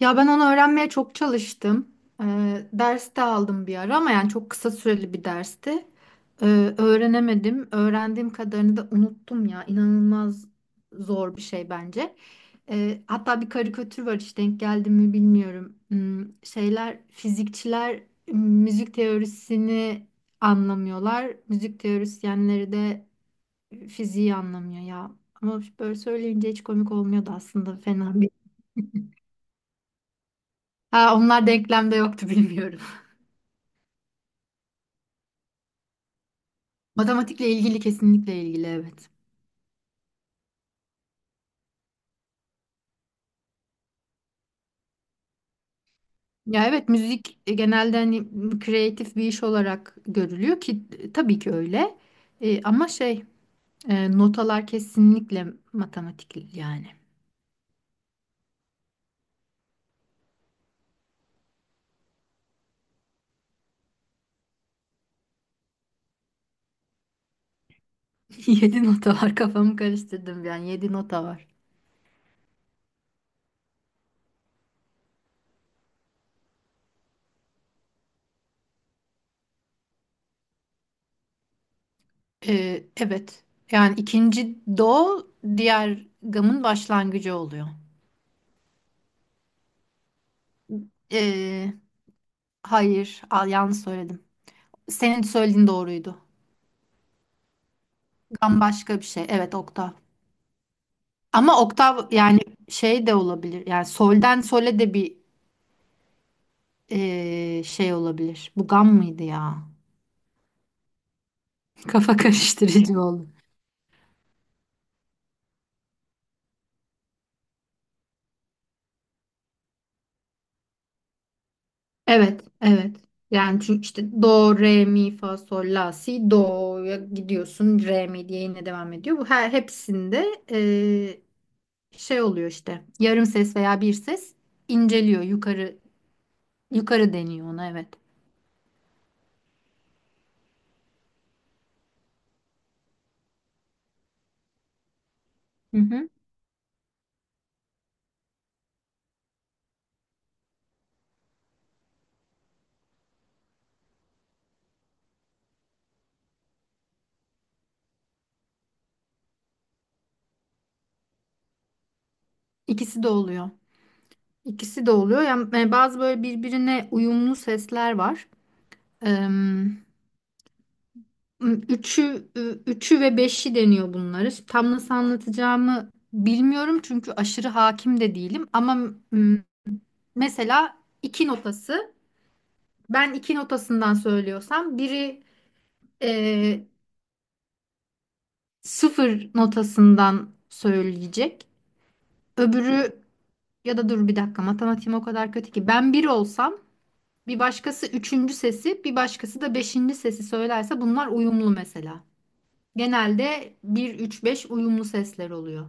Ya ben onu öğrenmeye çok çalıştım. Ders de aldım bir ara ama yani çok kısa süreli bir dersti. Öğrenemedim. Öğrendiğim kadarını da unuttum ya. İnanılmaz zor bir şey bence. Hatta bir karikatür var işte denk geldi mi bilmiyorum. Fizikçiler müzik teorisini anlamıyorlar. Müzik teorisyenleri de fiziği anlamıyor ya. Ama böyle söyleyince hiç komik olmuyordu aslında fena bir. Ha, onlar denklemde yoktu bilmiyorum. Matematikle ilgili kesinlikle ilgili evet. Ya evet müzik genelde hani kreatif bir iş olarak görülüyor ki tabii ki öyle. Ama şey notalar kesinlikle matematik yani. Yedi nota var, kafamı karıştırdım, yani yedi nota var. Evet, yani ikinci do diğer gamın başlangıcı oluyor. E, hayır al, yanlış söyledim. Senin söylediğin doğruydu. Gam başka bir şey. Evet, oktav. Ama oktav yani şey de olabilir. Yani solden sole de bir şey olabilir. Bu gam mıydı ya? Kafa karıştırıcı oldu. Evet, evet. Yani çünkü işte do, re, mi, fa, sol, la, si, do'ya gidiyorsun. Re, mi diye yine devam ediyor. Bu her hepsinde eee, şey oluyor işte. Yarım ses veya bir ses inceliyor. Yukarı deniyor ona, evet. Hı hı. İkisi de oluyor. İkisi de oluyor. Yani bazı böyle birbirine uyumlu sesler var. Em, üçü ve beşi deniyor bunları. Şimdi tam nasıl anlatacağımı bilmiyorum çünkü aşırı hakim de değilim. Ama m, mesela iki notası, ben iki notasından söylüyorsam biri e, sıfır notasından söyleyecek. Öbürü ya da dur bir dakika, matematiğim o kadar kötü ki, ben bir olsam bir başkası üçüncü sesi bir başkası da beşinci sesi söylerse bunlar uyumlu mesela. Genelde bir üç beş uyumlu sesler oluyor.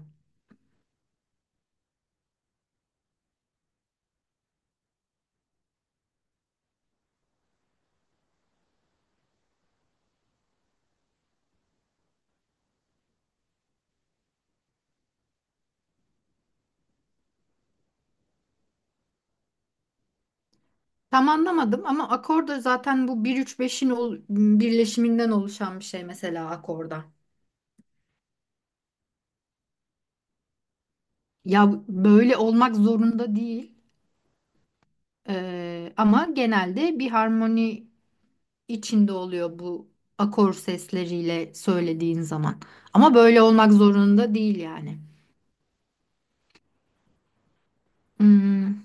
Tam anlamadım ama akorda zaten bu bir üç beşin birleşiminden oluşan bir şey mesela, akorda. Ya böyle olmak zorunda değil. Ama genelde bir harmoni içinde oluyor bu, akor sesleriyle söylediğin zaman. Ama böyle olmak zorunda değil yani. Hmm,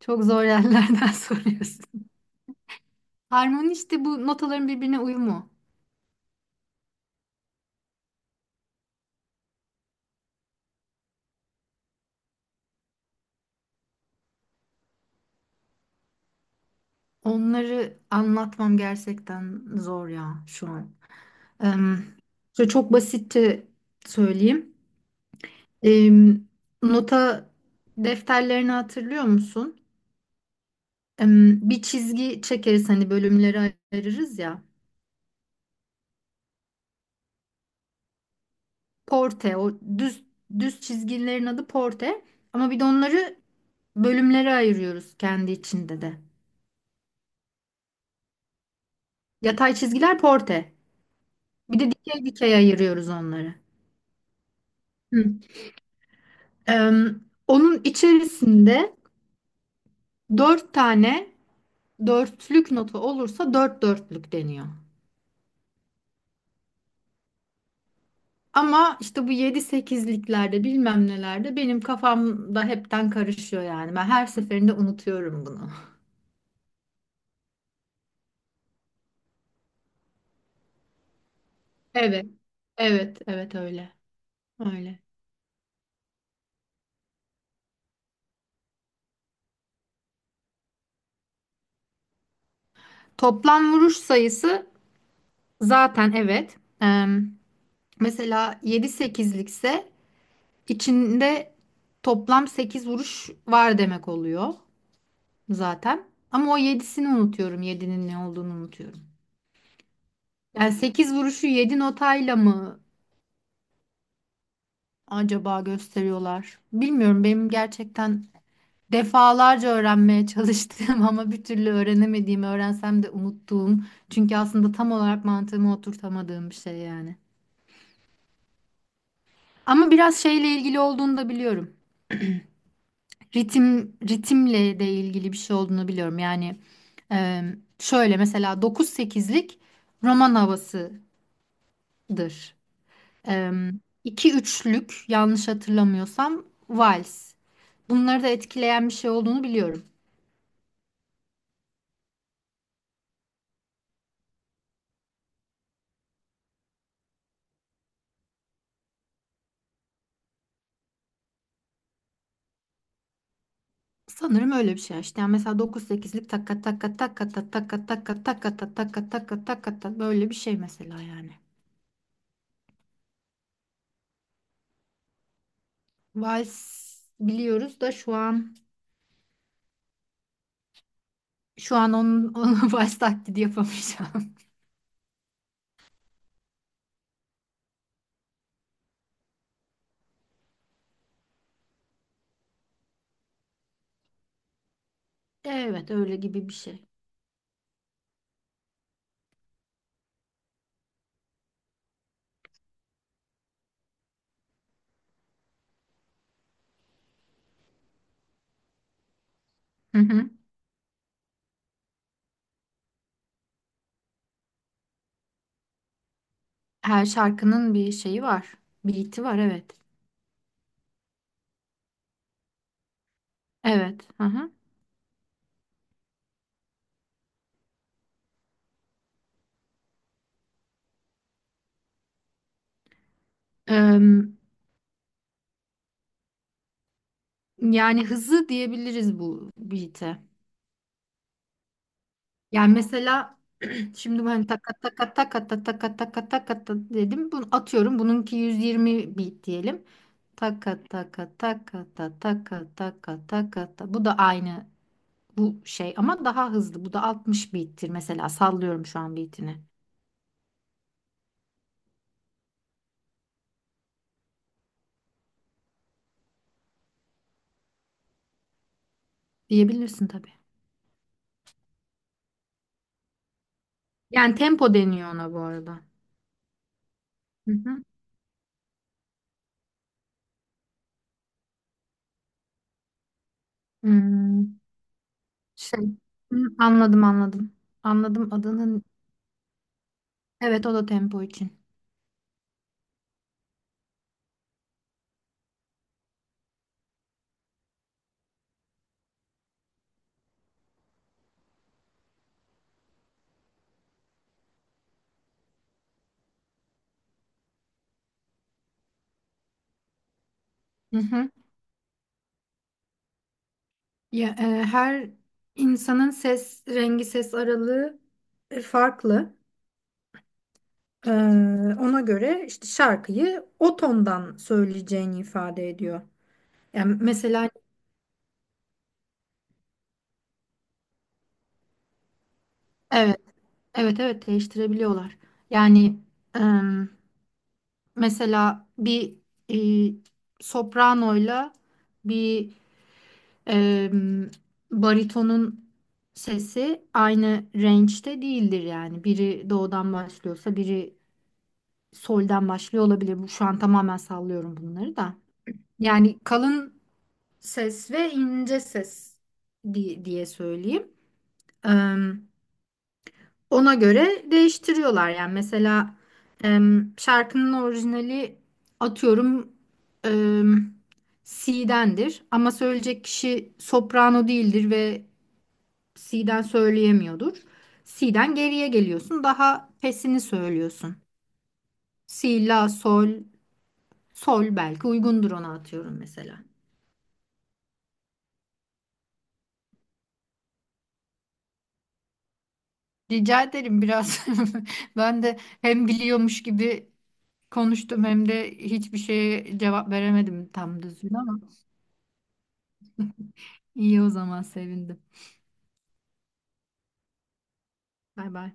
Çok zor yerlerden soruyorsun. Harmoni işte bu notaların birbirine uyumu. Onları anlatmam gerçekten zor ya şu an. Em, Şöyle çok basitçe söyleyeyim. Em, Nota defterlerini hatırlıyor musun? Bir çizgi çekeriz hani, bölümleri ayırırız ya. Porte, o düz çizgilerin adı porte. Ama bir de onları bölümlere ayırıyoruz kendi içinde de. Yatay çizgiler porte. Bir de dikey ayırıyoruz onları. Hı. Em, Onun içerisinde dört tane dörtlük notu olursa dört dörtlük deniyor. Ama işte bu yedi sekizliklerde bilmem nelerde benim kafamda hepten karışıyor yani. Ben her seferinde unutuyorum bunu. Evet, evet, evet öyle, öyle. Toplam vuruş sayısı zaten, evet. Mesela yedi sekizlikse içinde toplam sekiz vuruş var demek oluyor zaten. Ama o yedisini unutuyorum, yedinin ne olduğunu unutuyorum. Yani 8 vuruşu 7 notayla mı acaba gösteriyorlar? Bilmiyorum, benim gerçekten defalarca öğrenmeye çalıştığım ama bir türlü öğrenemediğim, öğrensem de unuttuğum. Çünkü aslında tam olarak mantığımı oturtamadığım bir şey yani. Ama biraz şeyle ilgili olduğunu da biliyorum. Ritim, ritimle de ilgili bir şey olduğunu biliyorum. Yani e, şöyle mesela dokuz sekizlik roman havasıdır. E, 2-3'lük yanlış hatırlamıyorsam vals. Bunları da etkileyen bir şey olduğunu biliyorum. Sanırım öyle bir şey işte. Yani mesela 9-8'lik takka takka takka takka takka takka takka takka takka takka takka böyle bir şey mesela yani. Vals biliyoruz da şu an onun, onun vals taklidi yapamayacağım. Evet öyle gibi bir şey. Hı hı. Her şarkının bir şeyi var. Beat'i var, evet. Evet. Hı hı. Em, Yani hızı diyebiliriz bu beat'e. Yani mesela şimdi ben taka taka taka taka taka taka ta dedim. Bunu atıyorum. Bununki 120 bit diyelim. Taka taka taka ta taka taka taka ta. Bu da aynı bu şey ama daha hızlı. Bu da 60 bittir mesela. Sallıyorum şu an bitini. Diyebilirsin tabii. Yani tempo deniyor ona bu arada. Hı hı. Hmm, şey. Hı, anladım. Anladım adının. Evet, o da tempo için. Hı hı. Ya, her insanın ses rengi, ses aralığı farklı. E, Ona göre işte şarkıyı o tondan söyleyeceğini ifade ediyor. Yani mesela evet, evet, evet değiştirebiliyorlar. Yani e, mesela bir e, sopranoyla bir e, baritonun sesi aynı range'de değildir yani. Biri doğudan başlıyorsa biri solden başlıyor olabilir. Bu şu an tamamen sallıyorum bunları da. Yani kalın ses ve ince ses diye söyleyeyim. Em, Ona göre değiştiriyorlar. Yani mesela şarkının orijinali atıyorum em, C'dendir ama söyleyecek kişi soprano değildir ve C'den söyleyemiyordur. C'den geriye geliyorsun. Daha pesini söylüyorsun. Si, la, sol. Sol belki uygundur ona, atıyorum mesela. Rica ederim, biraz ben de hem biliyormuş gibi konuştum hem de hiçbir şeye cevap veremedim tam düzgün ama iyi o zaman, sevindim. Bay bay.